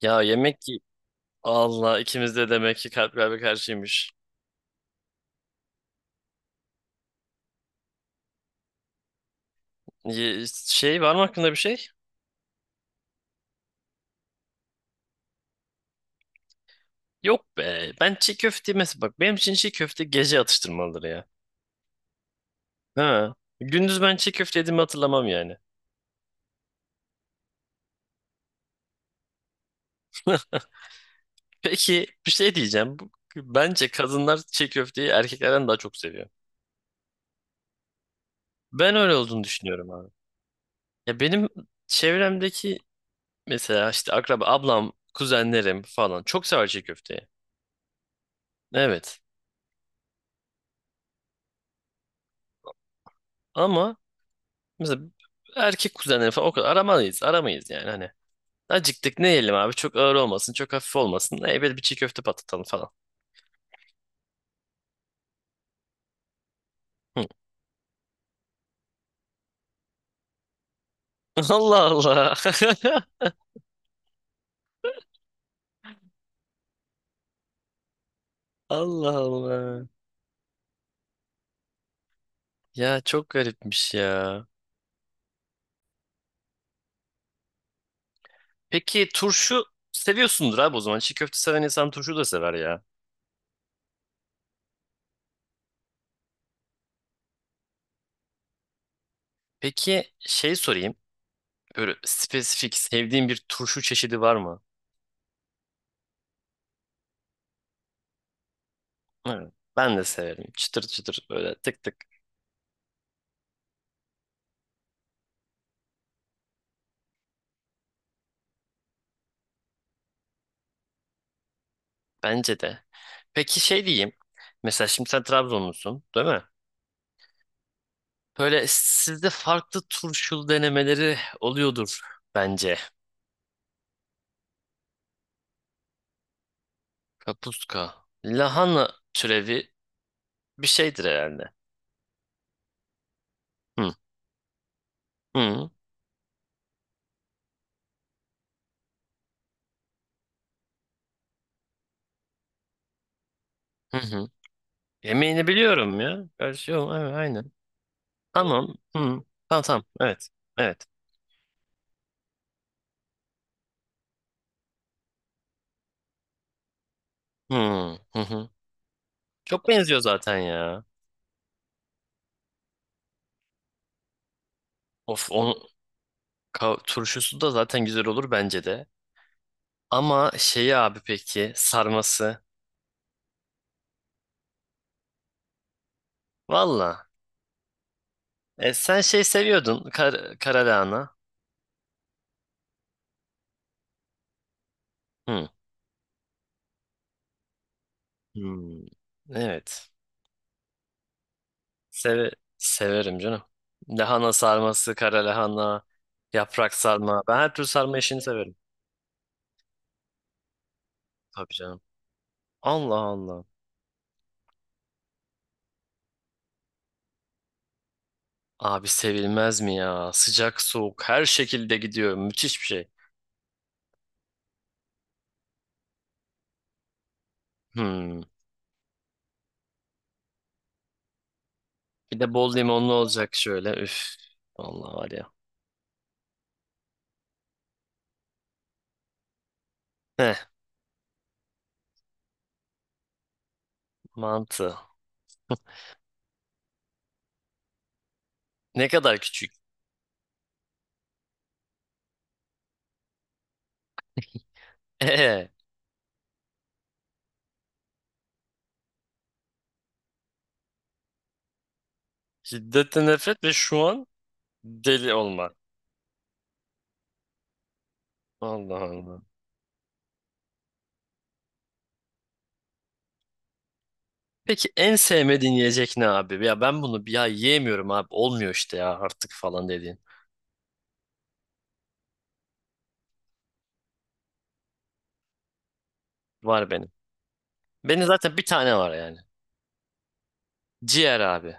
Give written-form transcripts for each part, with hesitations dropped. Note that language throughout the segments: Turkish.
Ya yemek y- Allah, ikimiz de demek ki kalp kalbe karşıymış. Şey, var mı aklında bir şey? Yok be. Ben çiğ köfte, mesela bak, benim için çiğ köfte gece atıştırmalıdır ya. Ha. Gündüz ben çiğ köfte yediğimi hatırlamam yani. Peki bir şey diyeceğim. Bence kadınlar çiğ köfteyi erkeklerden daha çok seviyor. Ben öyle olduğunu düşünüyorum abi. Ya benim çevremdeki, mesela işte akraba ablam, kuzenlerim falan çok sever çiğ köfteyi. Evet. Ama mesela erkek kuzenleri falan o kadar aramayız, aramayız yani hani. Acıktık, ne yiyelim abi? Çok ağır olmasın, çok hafif olmasın. Böyle bir çiğ köfte patlatalım falan. Hı. Allah Allah. Allah Allah. Ya çok garipmiş ya. Peki turşu seviyorsundur abi o zaman. Çiğ köfte seven insan turşu da sever ya. Peki şey sorayım. Böyle spesifik sevdiğin bir turşu çeşidi var mı? Hı. Ben de severim. Çıtır çıtır böyle, tık tık. Bence de. Peki şey diyeyim. Mesela şimdi sen Trabzonlusun, değil mi? Böyle sizde farklı turşulu denemeleri oluyordur bence. Kapuska. Lahana türevi bir şeydir herhalde. Hı. Hı. Hı hı. Yemeğini biliyorum ya. Gerçi yok. Evet, aynen. Tamam. Hı. Tamam tamam. Evet. Evet. Hı. Hı hı. Çok benziyor zaten ya. Of, onun turşusu da zaten güzel olur bence de. Ama şeyi abi, peki sarması. Valla. Sen şey seviyordun, kara. Hı. Hmm. Evet. Seve severim canım. Lahana sarması, kara lahana, yaprak sarma. Ben her türlü sarma işini severim. Tabii canım. Allah Allah. Abi sevilmez mi ya? Sıcak soğuk her şekilde gidiyor. Müthiş bir şey. Hmm. Bir de bol limonlu olacak şöyle. Üf. Allah var ya. Heh, mantı. Ne kadar küçük. Ee, Şiddetten nefret ve şu an deli olma. Allah Allah. Peki en sevmediğin yiyecek ne abi? Ya ben bunu bir ya yiyemiyorum abi. Olmuyor işte ya, artık falan dediğin. Var benim. Benim zaten bir tane var yani. Ciğer abi.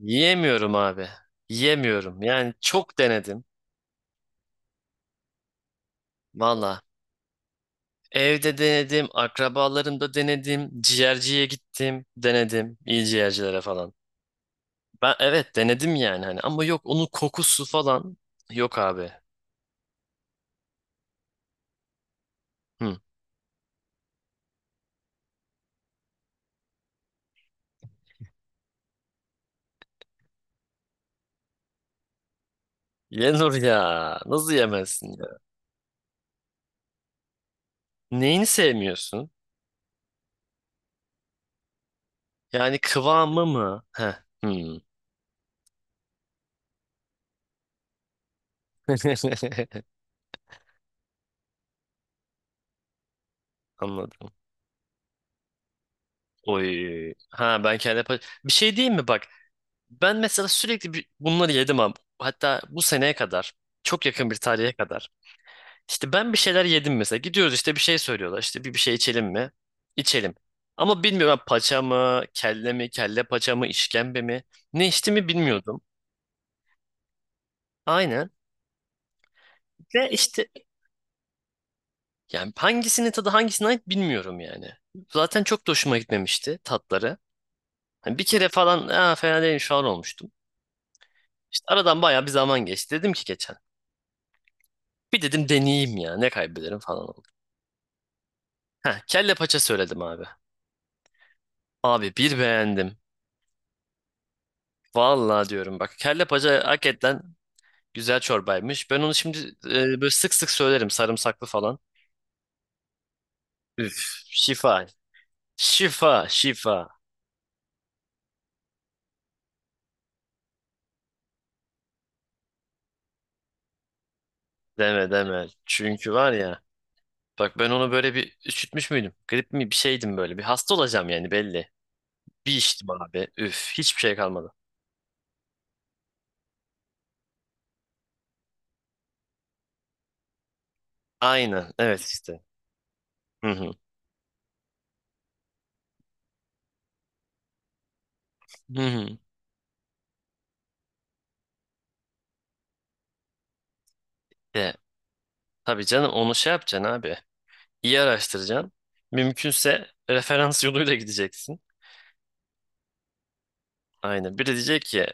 Yiyemiyorum abi. Yiyemiyorum. Yani çok denedim. Valla. Evde denedim. Akrabalarımda denedim. Ciğerciye gittim. Denedim. İyi ciğercilere falan. Ben evet denedim yani hani. Ama yok, onun kokusu falan. Yok abi. Hı. Yenur ya. Nasıl yemezsin ya? Neyini sevmiyorsun? Yani kıvamı mı? Heh. Hmm. Anladım. Oy. Ha, ben kendi bir şey diyeyim mi bak? Ben mesela sürekli bunları yedim abi. Hatta bu seneye kadar, çok yakın bir tarihe kadar. İşte ben bir şeyler yedim mesela. Gidiyoruz, işte bir şey söylüyorlar. İşte bir şey içelim mi? İçelim. Ama bilmiyorum, ben paça mı, kelle mi, kelle paça mı, işkembe mi? Ne içtiğimi bilmiyordum. Aynen. Ve işte yani hangisinin tadı hangisine ait bilmiyorum yani. Zaten çok da hoşuma gitmemişti tatları. Hani bir kere falan "Aa, fena değilmiş" falan olmuştum. İşte aradan bayağı bir zaman geçti. Dedim ki geçen. Bir dedim deneyeyim ya, ne kaybederim falan oldu. Heh, kelle paça söyledim abi. Abi bir beğendim. Vallahi diyorum bak, kelle paça hakikaten güzel çorbaymış. Ben onu şimdi böyle sık sık söylerim, sarımsaklı falan. Üf, şifa. Şifa şifa. Deme deme. Çünkü var ya, bak ben onu böyle bir üşütmüş müydüm? Grip mi bir şeydim, böyle bir hasta olacağım yani belli. Bir içtim abi. Üf, hiçbir şey kalmadı. Aynen evet, işte. Hı hı. Hı hı. De, tabii canım, onu şey yapacaksın abi. İyi araştıracaksın. Mümkünse referans yoluyla gideceksin. Aynen. Biri diyecek ki,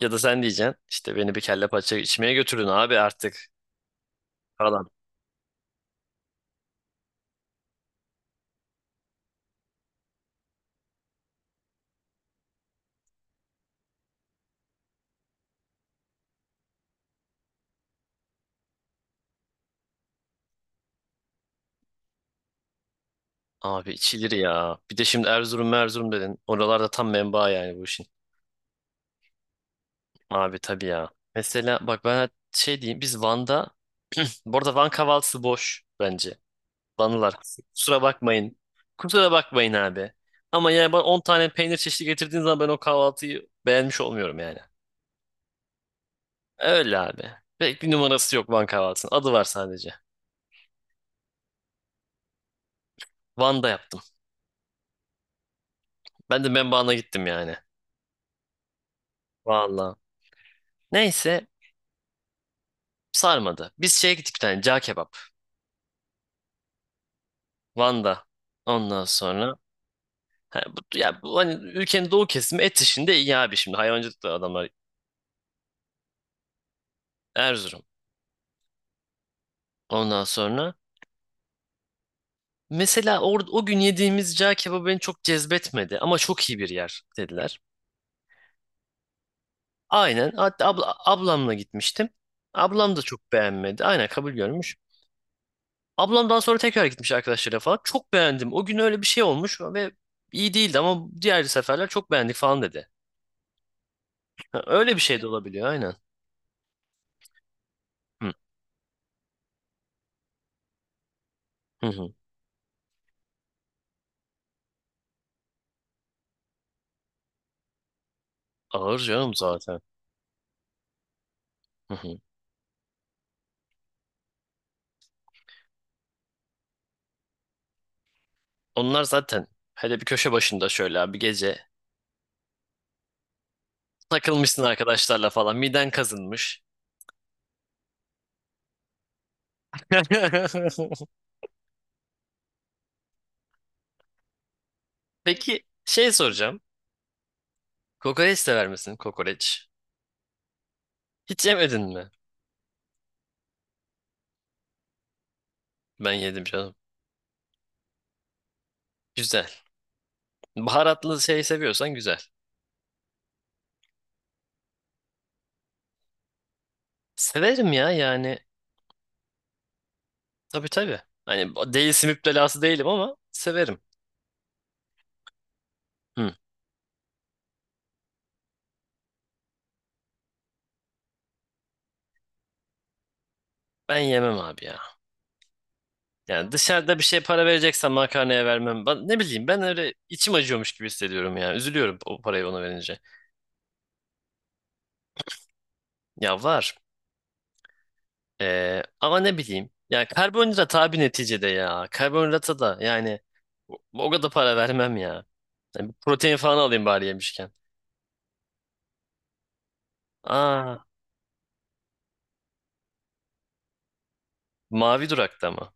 ya da sen diyeceksin, işte beni bir kelle paça içmeye götürün abi artık falan. Abi içilir ya. Bir de şimdi Erzurum Erzurum dedin. Oralarda tam menba yani bu işin. Abi tabii ya. Mesela bak, ben şey diyeyim, biz Van'da, bu arada Van kahvaltısı boş bence. Banılar. Kusura bakmayın. Kusura bakmayın abi. Ama yani bana 10 tane peynir çeşidi getirdiğin zaman ben o kahvaltıyı beğenmiş olmuyorum yani. Öyle abi. Pek bir numarası yok Van kahvaltısının. Adı var sadece. Van'da yaptım. Ben de Membağına gittim yani. Vallahi. Neyse, sarmadı. Biz şeye gittik, bir tane cağ kebap. Van'da. Ondan sonra ha, bu, ya bu, hani ülkenin doğu kesimi et işinde iyi abi, şimdi hayvancılık da adamlar. Erzurum. Ondan sonra, mesela o gün yediğimiz cağ kebabı beni çok cezbetmedi ama çok iyi bir yer dediler. Aynen. Hatta abla, ablamla gitmiştim. Ablam da çok beğenmedi. Aynen, kabul görmüş. Ablam daha sonra tekrar gitmiş arkadaşlarıyla falan. Çok beğendim. O gün öyle bir şey olmuş ve iyi değildi ama diğer seferler çok beğendik falan dedi. Ha, öyle bir şey de olabiliyor aynen. Hı, hı, hı. Ağır canım zaten. Hı, hı. Onlar zaten hele bir köşe başında şöyle bir gece takılmışsın arkadaşlarla falan, miden kazınmış. Peki şey soracağım. Kokoreç sever misin? Kokoreç. Hiç yemedin mi? Ben yedim canım. Güzel. Baharatlı şey seviyorsan güzel. Severim ya yani. Tabii tabii. Hani değilsin, müptelası değilim ama severim. Hı. Ben yemem abi ya. Yani dışarıda bir şey para vereceksen makarnaya vermem. Ben, ne bileyim, ben öyle içim acıyormuş gibi hissediyorum ya. Üzülüyorum o parayı ona verince. Ya var. Ama ne bileyim. Yani karbonhidrat abi neticede ya. Karbonhidrata da yani o kadar para vermem ya. Yani bir protein falan alayım bari yemişken. Aa, mavi durakta mı?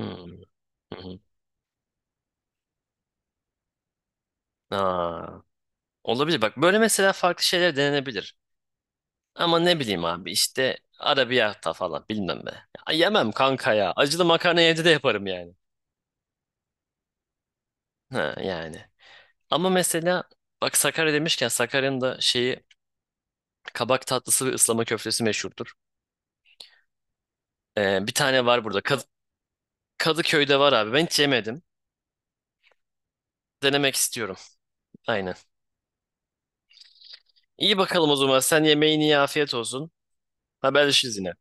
Hmm, hı hı. Aa, olabilir. Bak böyle mesela farklı şeyler denenebilir. Ama ne bileyim abi, işte arabiyata falan bilmem be. Ya, yemem kanka ya. Acılı makarna evde de yaparım yani. Ha, yani. Ama mesela bak, Sakarya demişken Sakarya'nın da şeyi kabak tatlısı ve ıslama köftesi meşhurdur. Bir tane var burada. Kadıköy'de var abi. Ben hiç yemedim. Denemek istiyorum. Aynen. İyi bakalım o zaman. Sen yemeğini ye. Afiyet olsun. Haberleşiriz yine.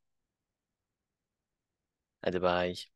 Hadi bay.